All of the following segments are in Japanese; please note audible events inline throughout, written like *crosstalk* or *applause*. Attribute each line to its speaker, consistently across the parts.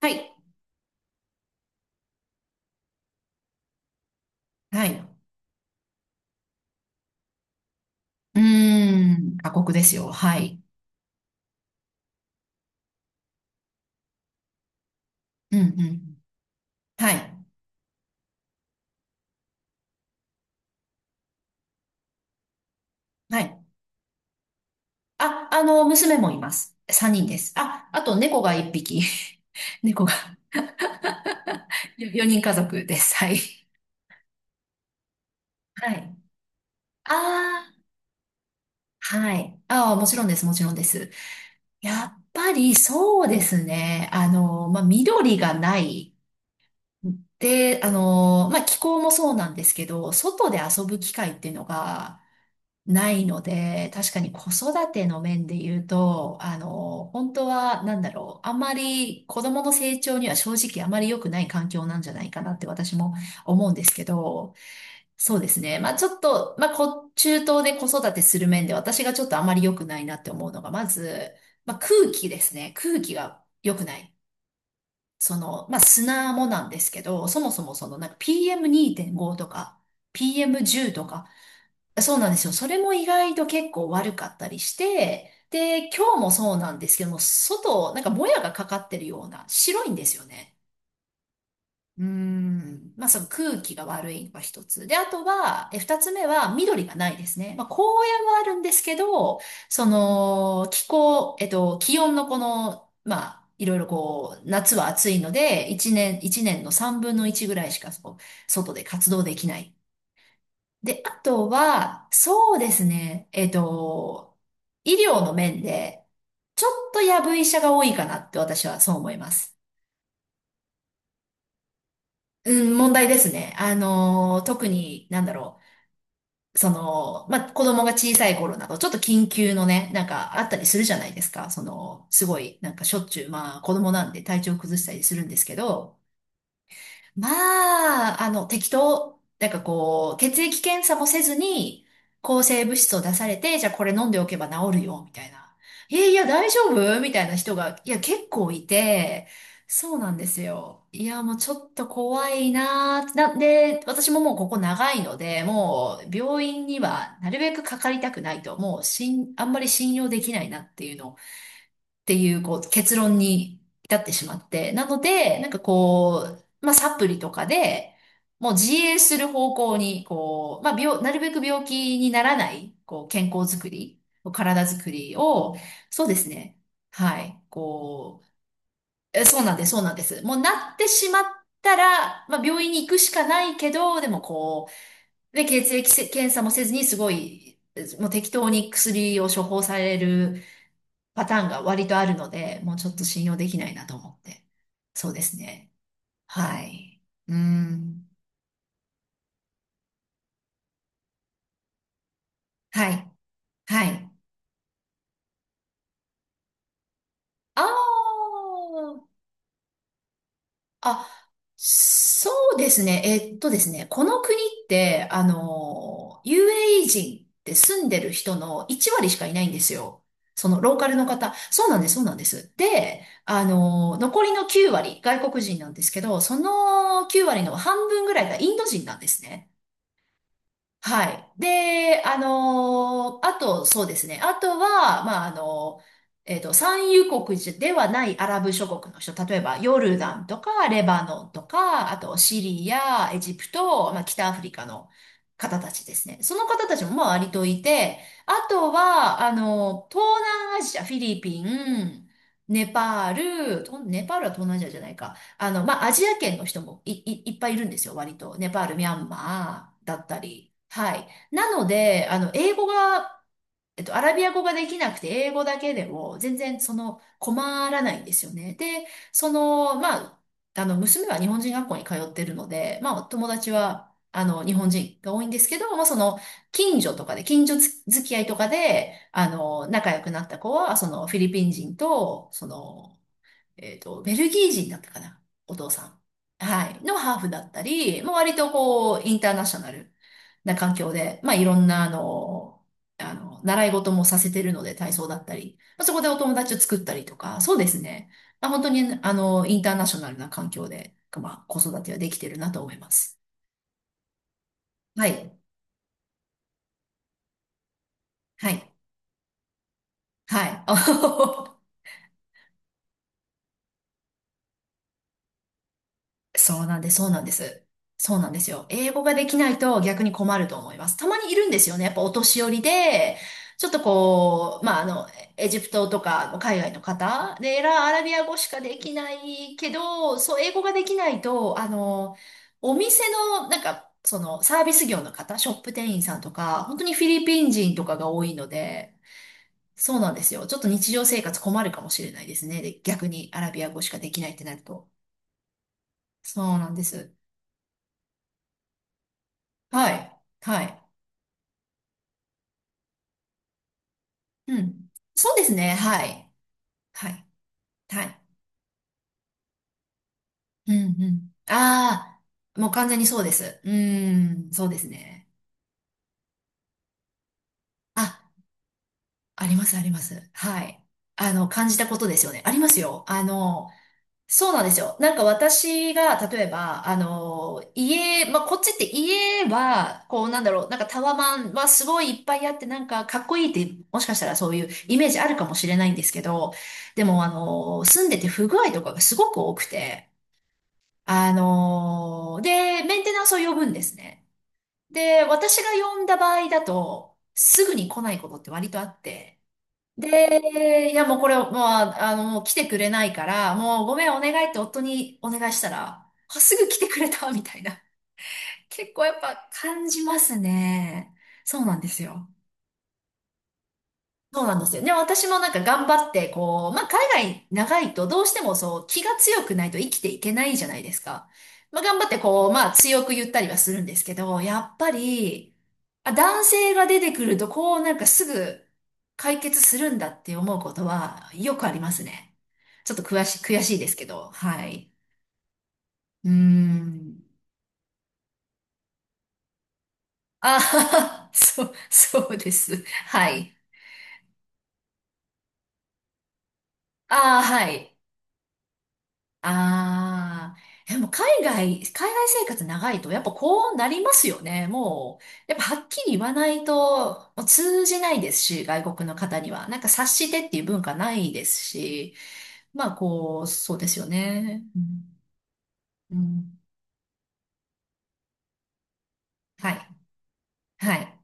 Speaker 1: はい。はい。うーん。過酷ですよ。はい。うん、うん。はい。はい。あの、娘もいます。3人です。あ、あと猫が1匹。*laughs* 猫が4人家族です。はい。はい。ああ、はい。ああ、もちろんです。もちろんです。やっぱりそうですね。あの、まあ、緑がない。で、あの、まあ、気候もそうなんですけど、外で遊ぶ機会っていうのが、ないので、確かに子育ての面で言うと、あの、本当は、なんだろう、あんまり子供の成長には正直あまり良くない環境なんじゃないかなって私も思うんですけど、そうですね。まあちょっと、まあこ、中東で子育てする面で私がちょっとあまり良くないなって思うのが、まず、まあ空気ですね。空気が良くない。その、まあ砂もなんですけど、そもそもそのなんか PM2.5 とか、PM10 とか、そうなんですよ。それも意外と結構悪かったりして、で、今日もそうなんですけども、外、なんかもやがかかってるような、白いんですよね。うーん。まあ、その空気が悪いのが一つ。で、あとは、二つ目は緑がないですね。まあ、公園はあるんですけど、その、気候、気温のこの、まあ、いろいろこう、夏は暑いので、一年の三分の一ぐらいしか、そう、外で活動できない。で、あとは、そうですね。医療の面で、ちょっとやぶ医者が多いかなって私はそう思います。うん、問題ですね。あのー、特に、なんだろう。その、まあ、子供が小さい頃など、ちょっと緊急のね、なんかあったりするじゃないですか。その、すごい、なんかしょっちゅう、まあ、子供なんで体調崩したりするんですけど、まあ、あの、適当、なんかこう、血液検査もせずに、抗生物質を出されて、じゃあこれ飲んでおけば治るよ、みたいな。えいや、大丈夫みたいな人が、いや、結構いて、そうなんですよ。いや、もうちょっと怖いなーってなんで、私ももうここ長いので、もう病院にはなるべくかかりたくないと、もうしん、あんまり信用できないなっていうのをっていう、こう、結論に至ってしまって。なので、なんかこう、まあ、サプリとかで、もう自衛する方向に、こう、まあ、なるべく病気にならない、こう、健康づくり、体づくりを、そうですね。はい。こう、そうなんです、そうなんです。もうなってしまったら、まあ、病院に行くしかないけど、でもこう、で、血液せ検査もせずに、すごい、もう適当に薬を処方される、パターンが割とあるので、もうちょっと信用できないなと思って。そうですね。はい。うん。はい。はい。ああ。あ、そうですね。この国って、あの、UAE 人って住んでる人の1割しかいないんですよ。そのローカルの方。そうなんです、そうなんです。で、あの、残りの9割、外国人なんですけど、その9割の半分ぐらいがインド人なんですね。はい。で、あのーあと、そうですね。あとは、まあ、あの産油国ではないアラブ諸国の人、例えばヨルダンとかレバノンとか、あとシリア、エジプト、まあ、北アフリカの方たちですね。その方たちもまあ割といて、あとは、あの、東南アジア、フィリピン、ネパール、とネパールは東南アジアじゃないか。あの、まあ、アジア圏の人もいっぱいいるんですよ、割と。ネパール、ミャンマーだったり。はい。なので、あの、英語が、アラビア語ができなくて、英語だけでも、全然、その、困らないんですよね。で、その、まあ、あの、娘は日本人学校に通ってるので、まあ、友達は、あの、日本人が多いんですけど、まあ、その、近所付き合いとかで、あの、仲良くなった子は、その、フィリピン人と、その、ベルギー人だったかな、お父さん。はい。のハーフだったり、もう割とこう、インターナショナルな環境で、まあいろんなあの、あの、習い事もさせてるので、体操だったり、まあ、そこでお友達を作ったりとか、そうですね。まあ、本当にあの、インターナショナルな環境で、まあ子育てはできてるなと思います。はい。はい。はい。*laughs* そうなんです、そうなんです。そうなんですよ。英語ができないと逆に困ると思います。たまにいるんですよね。やっぱお年寄りで、ちょっとこう、まあ、あの、エジプトとか海外の方で、ラアラビア語しかできないけど、そう、英語ができないと、あの、お店の、なんか、その、サービス業の方、ショップ店員さんとか、本当にフィリピン人とかが多いので、そうなんですよ。ちょっと日常生活困るかもしれないですね。で、逆にアラビア語しかできないってなると。そうなんです。はい。はい。うん。そうですね。はい。はい。はい。うんうん。ああ、もう完全にそうです。うーん、そうですね。あ、あります、あります。はい。あの、感じたことですよね。ありますよ。あの、そうなんですよ。なんか私が、例えば、あの、家、まあ、こっちって家は、こうなんだろう、なんかタワマンはすごいいっぱいあって、なんかかっこいいって、もしかしたらそういうイメージあるかもしれないんですけど、でもあの、住んでて不具合とかがすごく多くて、あの、で、メンテナンスを呼ぶんですね。で、私が呼んだ場合だと、すぐに来ないことって割とあって、で、いやもうこれ、もう、ああの、もう来てくれないから、もうごめんお願いって夫にお願いしたら、あ、すぐ来てくれたみたいな。結構やっぱ感じますね。そうなんですよ。そうなんですよ。でも私もなんか頑張って、こう、まあ、海外、長いとどうしてもそう、気が強くないと生きていけないじゃないですか。まあ、頑張ってこう、まあ、強く言ったりはするんですけど、やっぱり、あ、男性が出てくると、こう、なんかすぐ解決するんだって思うことはよくありますね。ちょっと悔しいですけど、はい。うーん。あははそう、そうです。はい。ああ、はい。ああ、でも海外生活長いとやっぱこうなりますよね。もう、やっぱはっきり言わないともう通じないですし、外国の方には。なんか察してっていう文化ないですし、まあこう、そうですよね。うん、うんはい。はい。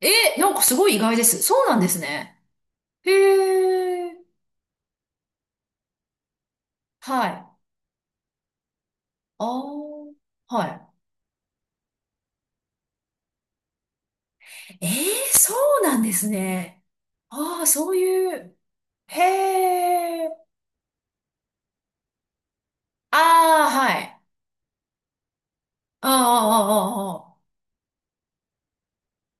Speaker 1: えなんかすごい意外です。そうなんですね。へえ、はい。ああ、はい。そうなんですね。ああ、そういう。へえ。ああ、はい。ああ、ああ、ああ。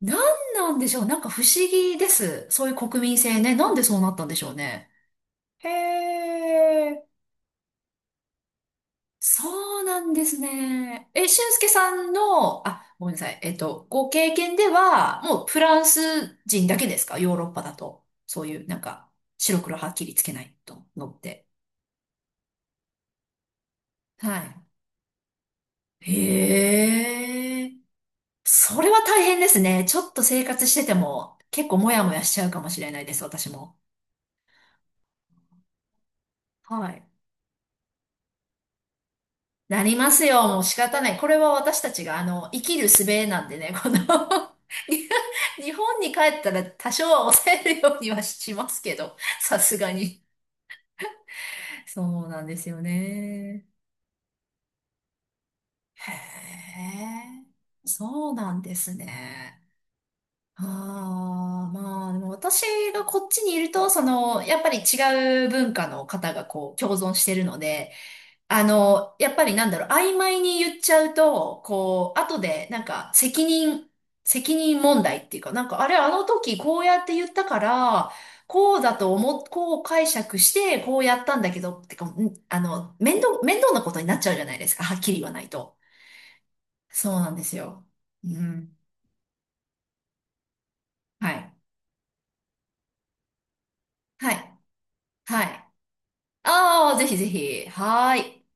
Speaker 1: なんなんでしょう。なんか不思議です。そういう国民性ね。なんでそうなったんでしょうね。へえ、そうなんですね。俊介さんの、あ、ごめんなさい。ご経験では、もうフランス人だけですかヨーロッパだと。そういう、なんか、白黒はっきりつけないとのって。はい。へえ。それは大変ですね。ちょっと生活してても結構モヤモヤしちゃうかもしれないです、私も。はい。なりますよ、もう仕方ない。これは私たちが、あの、生きる術なんでね、この *laughs* 日本に帰ったら多少は抑えるようにはしますけど、さすがに。そうなんですよね。へえ、そうなんですね。ああ、まあ、でも私がこっちにいると、その、やっぱり違う文化の方がこう、共存してるので、あの、やっぱりなんだろう、曖昧に言っちゃうと、こう、後で、なんか、責任問題っていうか、なんか、あれ、あの時こうやって言ったから、こうだと思っ、こう解釈して、こうやったんだけど、ってか、んあの、面倒なことになっちゃうじゃないですか、はっきり言わないと。そうなんですよ。うん。はい。はい。はい。ああ、ぜひぜひ。はーい。